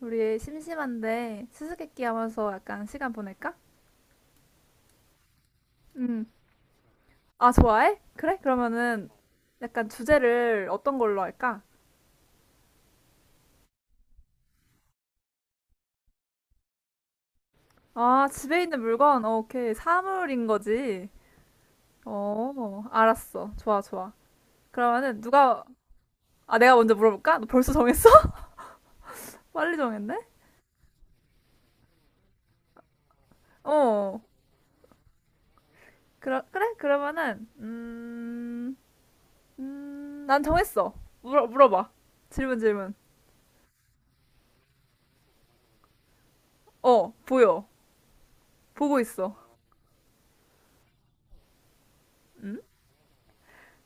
우리 심심한데 수수께끼 하면서 약간 시간 보낼까? 음. 아, 좋아해? 그래? 그러면은 약간 주제를 어떤 걸로 할까? 아, 집에 있는 물건. 어, 오케이. 사물인 거지. 어, 알았어. 좋아, 좋아. 그러면은 누가 아, 내가 먼저 물어볼까? 너 벌써 정했어? 빨리 정했네? 어. 그래? 그러면은 난 정했어. 물어봐. 질문 질문. 어, 보여. 보고 있어. 음?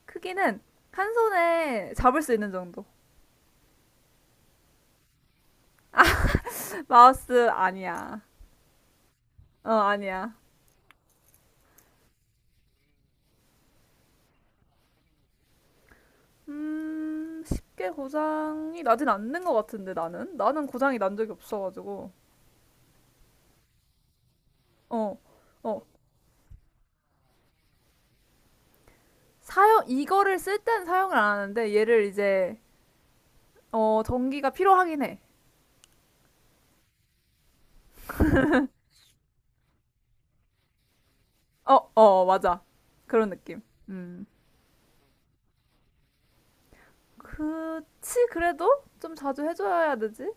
크기는 한 손에 잡을 수 있는 정도. 마우스 아니야. 어, 아니야. 쉽게 고장이 나진 않는 것 같은데, 나는? 나는 고장이 난 적이 없어가지고. 어, 어. 사용, 이거를 쓸 땐 사용을 안 하는데, 얘를 이제, 어, 전기가 필요하긴 해. 어, 어, 맞아. 그런 느낌. 음. 그치, 그래도 좀 자주 해줘야 되지?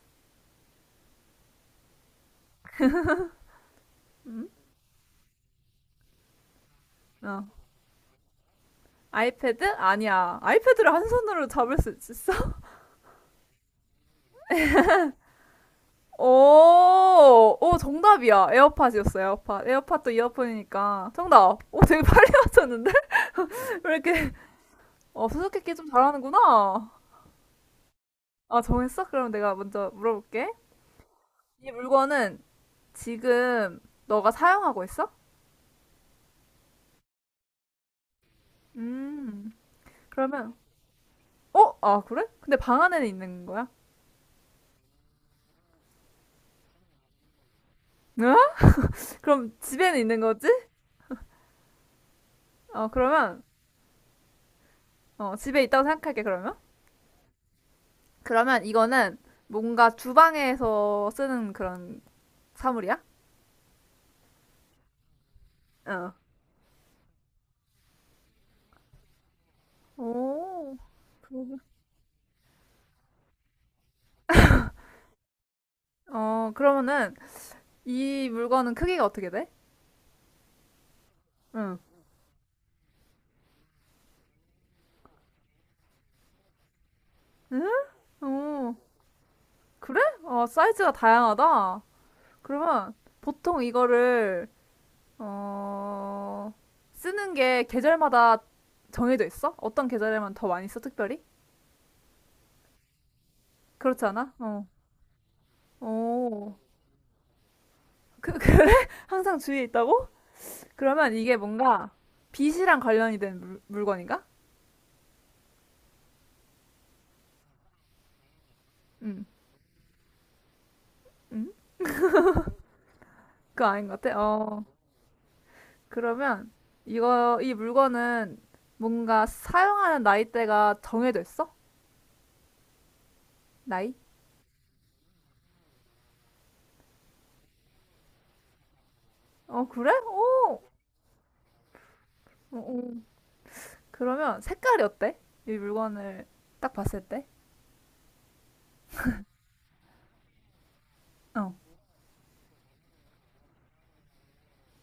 음? 어. 아이패드? 아니야. 아이패드를 한 손으로 잡을 수 있어? 오, 오, 정답이야. 에어팟이었어요, 에어팟. 에어팟도 이어폰이니까. 정답. 오, 되게 빨리 맞췄는데? 왜 이렇게, 어, 수수께끼 좀 잘하는구나. 아, 정했어? 그럼 내가 먼저 물어볼게. 이 물건은 지금 너가 사용하고 있어? 음, 그러면, 어? 아, 그래? 근데 방 안에는 있는 거야? 응? 그럼 집에는 있는 거지? 어, 그러면, 어, 집에 있다고 생각할게, 그러면. 그러면 이거는 뭔가 주방에서 쓰는 그런 사물이야? 어. 오, 그러고. 어, 그러면은 이 물건은 크기가 어떻게 돼? 응. 응? 어 그래? 어, 사이즈가 다양하다. 그러면 보통 이거를 어, 쓰는 게 계절마다 정해져 있어? 어떤 계절에만 더 많이 써, 특별히? 그렇지 않아? 어. 오. 그, 그래? 항상 주위에 있다고? 그러면 이게 뭔가 빛이랑 관련이 된 물건인가? 응. 응? 그거 아닌 것 같아? 어. 그러면 이거 이 물건은 뭔가 사용하는 나이대가 정해져 있어? 나이? 어 그래? 오. 어, 어. 그러면 색깔이 어때? 이 물건을 딱 봤을 때? 어.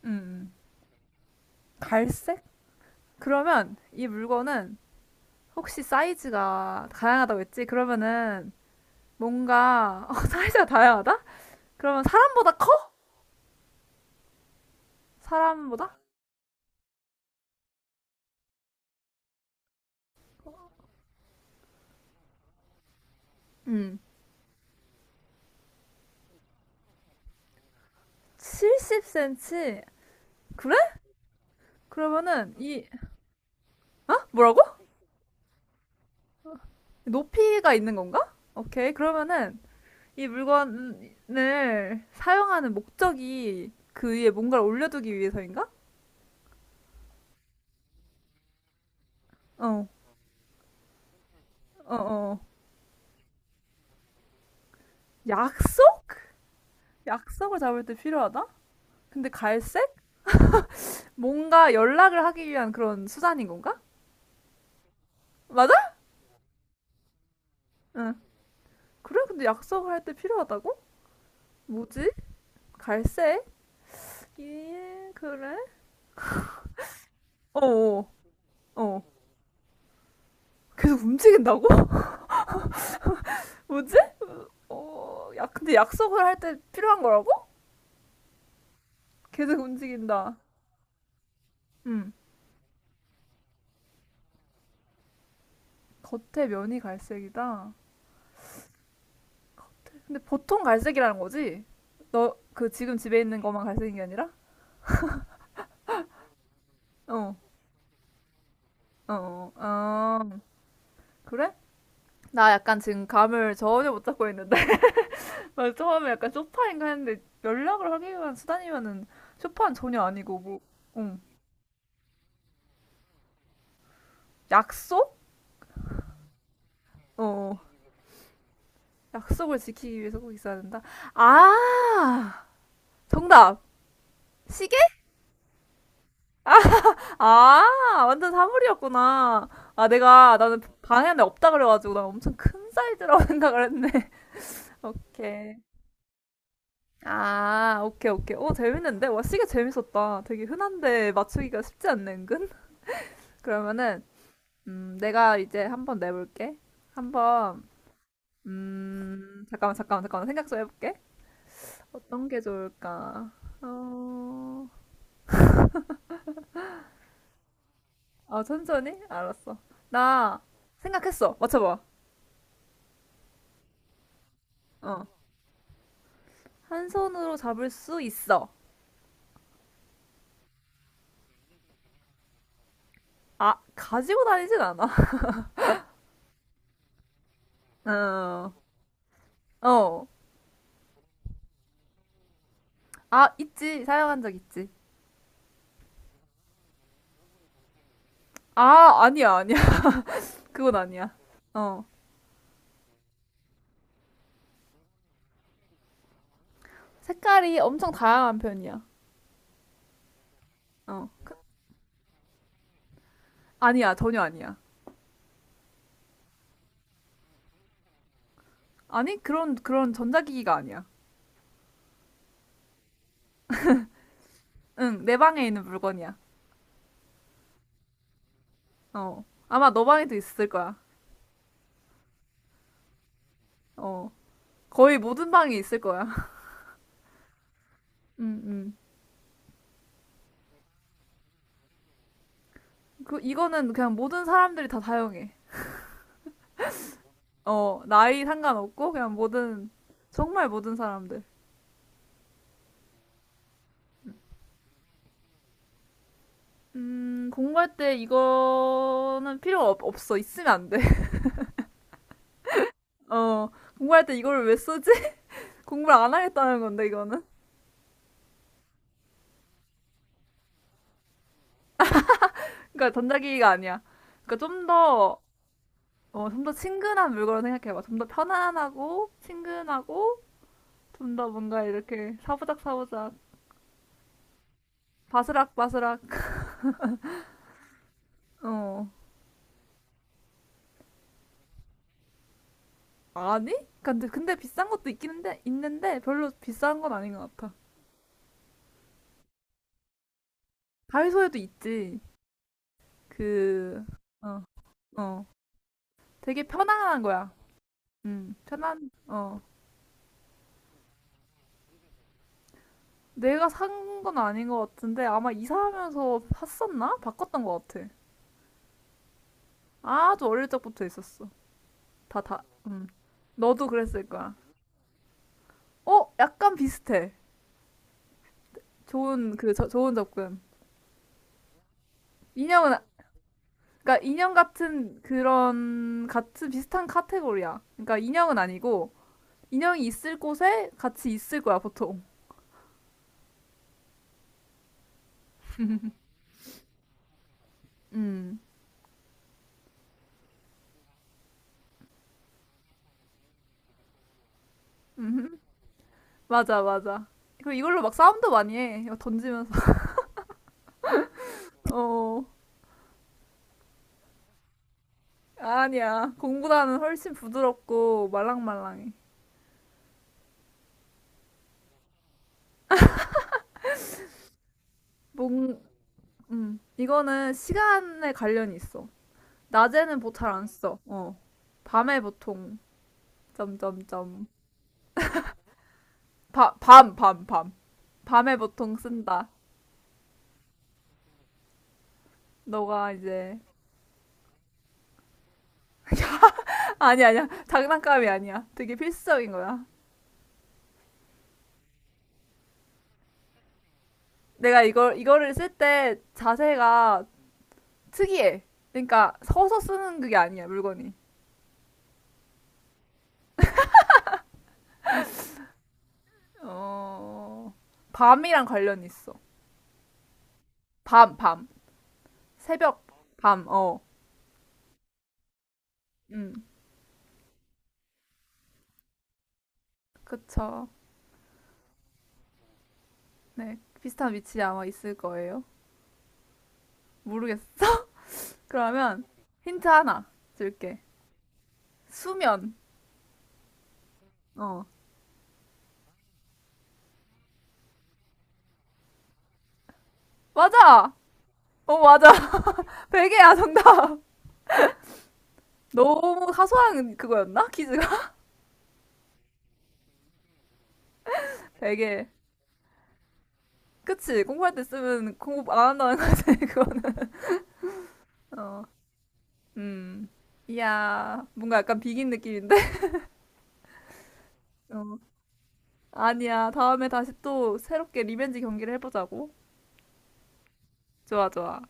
음. 음. 갈색? 그러면 이 물건은 혹시 사이즈가 다양하다고 했지? 그러면은 뭔가 어, 사이즈가 다양하다? 그러면 사람보다 커? 사람보다? 음. 70cm. 그래? 그러면은 이 어? 뭐라고? 높이가 있는 건가? 오케이. 그러면은 이 물건을 사용하는 목적이 그 위에 뭔가를 올려두기 위해서인가? 어, 어, 어. 약속? 약속을 잡을 때 필요하다? 근데 갈색? 뭔가 연락을 하기 위한 그런 수단인 건가? 맞아? 응. 그래? 근데 약속을 할 때 필요하다고? 뭐지? 갈색? 예, 그래? 어, 어, 어. 계속 움직인다고? 뭐지? 어, 야, 근데 약속을 할 때 필요한 거라고? 계속 움직인다. 음. 겉에 면이 갈색이다. 근데 보통 갈색이라는 거지? 너 그 지금 집에 있는 것만 갈색인 게 아니라? 어, 어, 어. 그래? 나 약간 지금 감을 전혀 못 잡고 있는데. 나 처음에 약간 쇼파인가 했는데 연락을 하기 위한 수단이면은 쇼파는 전혀 아니고 뭐, 응. 약속? 어, 약속을 지키기 위해서 꼭 있어야 된다. 아, 정답. 시계. 아, 완전 사물이었구나. 아, 내가, 나는 방에 안에 없다 그래가지고, 나 엄청 큰 사이즈라고 생각을 했네. 오케이. 아, 오케이, 오케이. 오, 재밌는데? 와, 시계 재밌었다. 되게 흔한데 맞추기가 쉽지 않네, 은근? 그러면은, 내가 이제 한번 내볼게. 한번, 잠깐만, 잠깐만, 잠깐만. 생각 좀 해볼게. 어떤 게 좋을까? 어, 아, 천천히? 알았어. 나 생각했어. 맞춰봐. 어. 한 손으로 잡을 수 있어. 아, 가지고 다니진 않아. 어, 어. 아, 있지. 사용한 적 있지. 아, 아니야, 아니야. 그건 아니야. 어, 색깔이 엄청 다양한 편이야. 어. 아니야, 전혀 아니야. 아니, 그런, 그런 전자기기가 아니야. 응, 내 방에 있는 물건이야. 어. 아마 너 방에도 있을 거야. 어. 거의 모든 방에 있을 거야. 응 응 그, 이거는 그냥 모든 사람들이 다 사용해. 어, 나이 상관없고, 그냥 모든, 정말 모든 사람들. 공부할 때 이거는 필요가 없, 없어. 있으면 안 돼. 어, 공부할 때 이걸 왜 쓰지? 공부를 안 하겠다는 건데, 이거는. 그러니까 전자기기가 아니야. 그러니까 좀 더, 어, 좀 더 친근한 물건을 생각해봐. 좀 더 편안하고, 친근하고, 좀 더 뭔가 이렇게 사부작사부작, 바스락바스락, 어. 아니? 그러니까 근데, 근데 비싼 것도 있긴 한데, 있는데, 별로 비싼 건 아닌 것 같아. 다이소에도 있지. 그, 어, 어. 되게 편안한 거야. 편한, 어. 내가 산 건 아닌 것 같은데, 아마 이사하면서 샀었나? 바꿨던 것 같아. 아주 어릴 적부터 있었어. 다, 다, 음. 너도 그랬을 거야. 어? 약간 비슷해. 좋은, 그, 저, 좋은 접근. 인형은, 아- 그러니까 인형 같은 그런, 같은 비슷한 카테고리야. 그러니까 인형은 아니고, 인형이 있을 곳에 같이 있을 거야, 보통. 음. 음. 맞아, 맞아. 그리고 이걸로 막 싸움도 많이 해. 이거 던지면서. 어. 아니야. 공보다는 훨씬 부드럽고 말랑말랑해. 뭔, 이거는 시간에 관련이 있어. 낮에는 보 잘안 써. 어. 밤에 보통, 점점점. 밤. 밤에 보통 쓴다. 너가 이제. 아니, 아니야. 장난감이 아니야. 되게 필수적인 거야. 내가 이걸, 이거를 쓸 때 자세가 특이해. 그러니까 서서 쓰는 그게 아니야, 물건이. 어, 밤이랑 관련이 있어. 밤. 새벽, 밤, 어. 음, 그쵸. 네, 비슷한 위치에 아마 있을 거예요. 모르겠어. 그러면 힌트 하나 줄게. 수면. 어. 맞아! 어, 맞아. 베개야, 정답. 너무 사소한 그거였나? 퀴즈가? 베개. 그치? 공부할 때 쓰면 공부 안 한다는 거지, 그거는. 어, 음. 이야, 뭔가 약간 비긴 느낌인데? 어. 아니야, 다음에 다시 또 새롭게 리벤지 경기를 해보자고. 좋아, 좋아.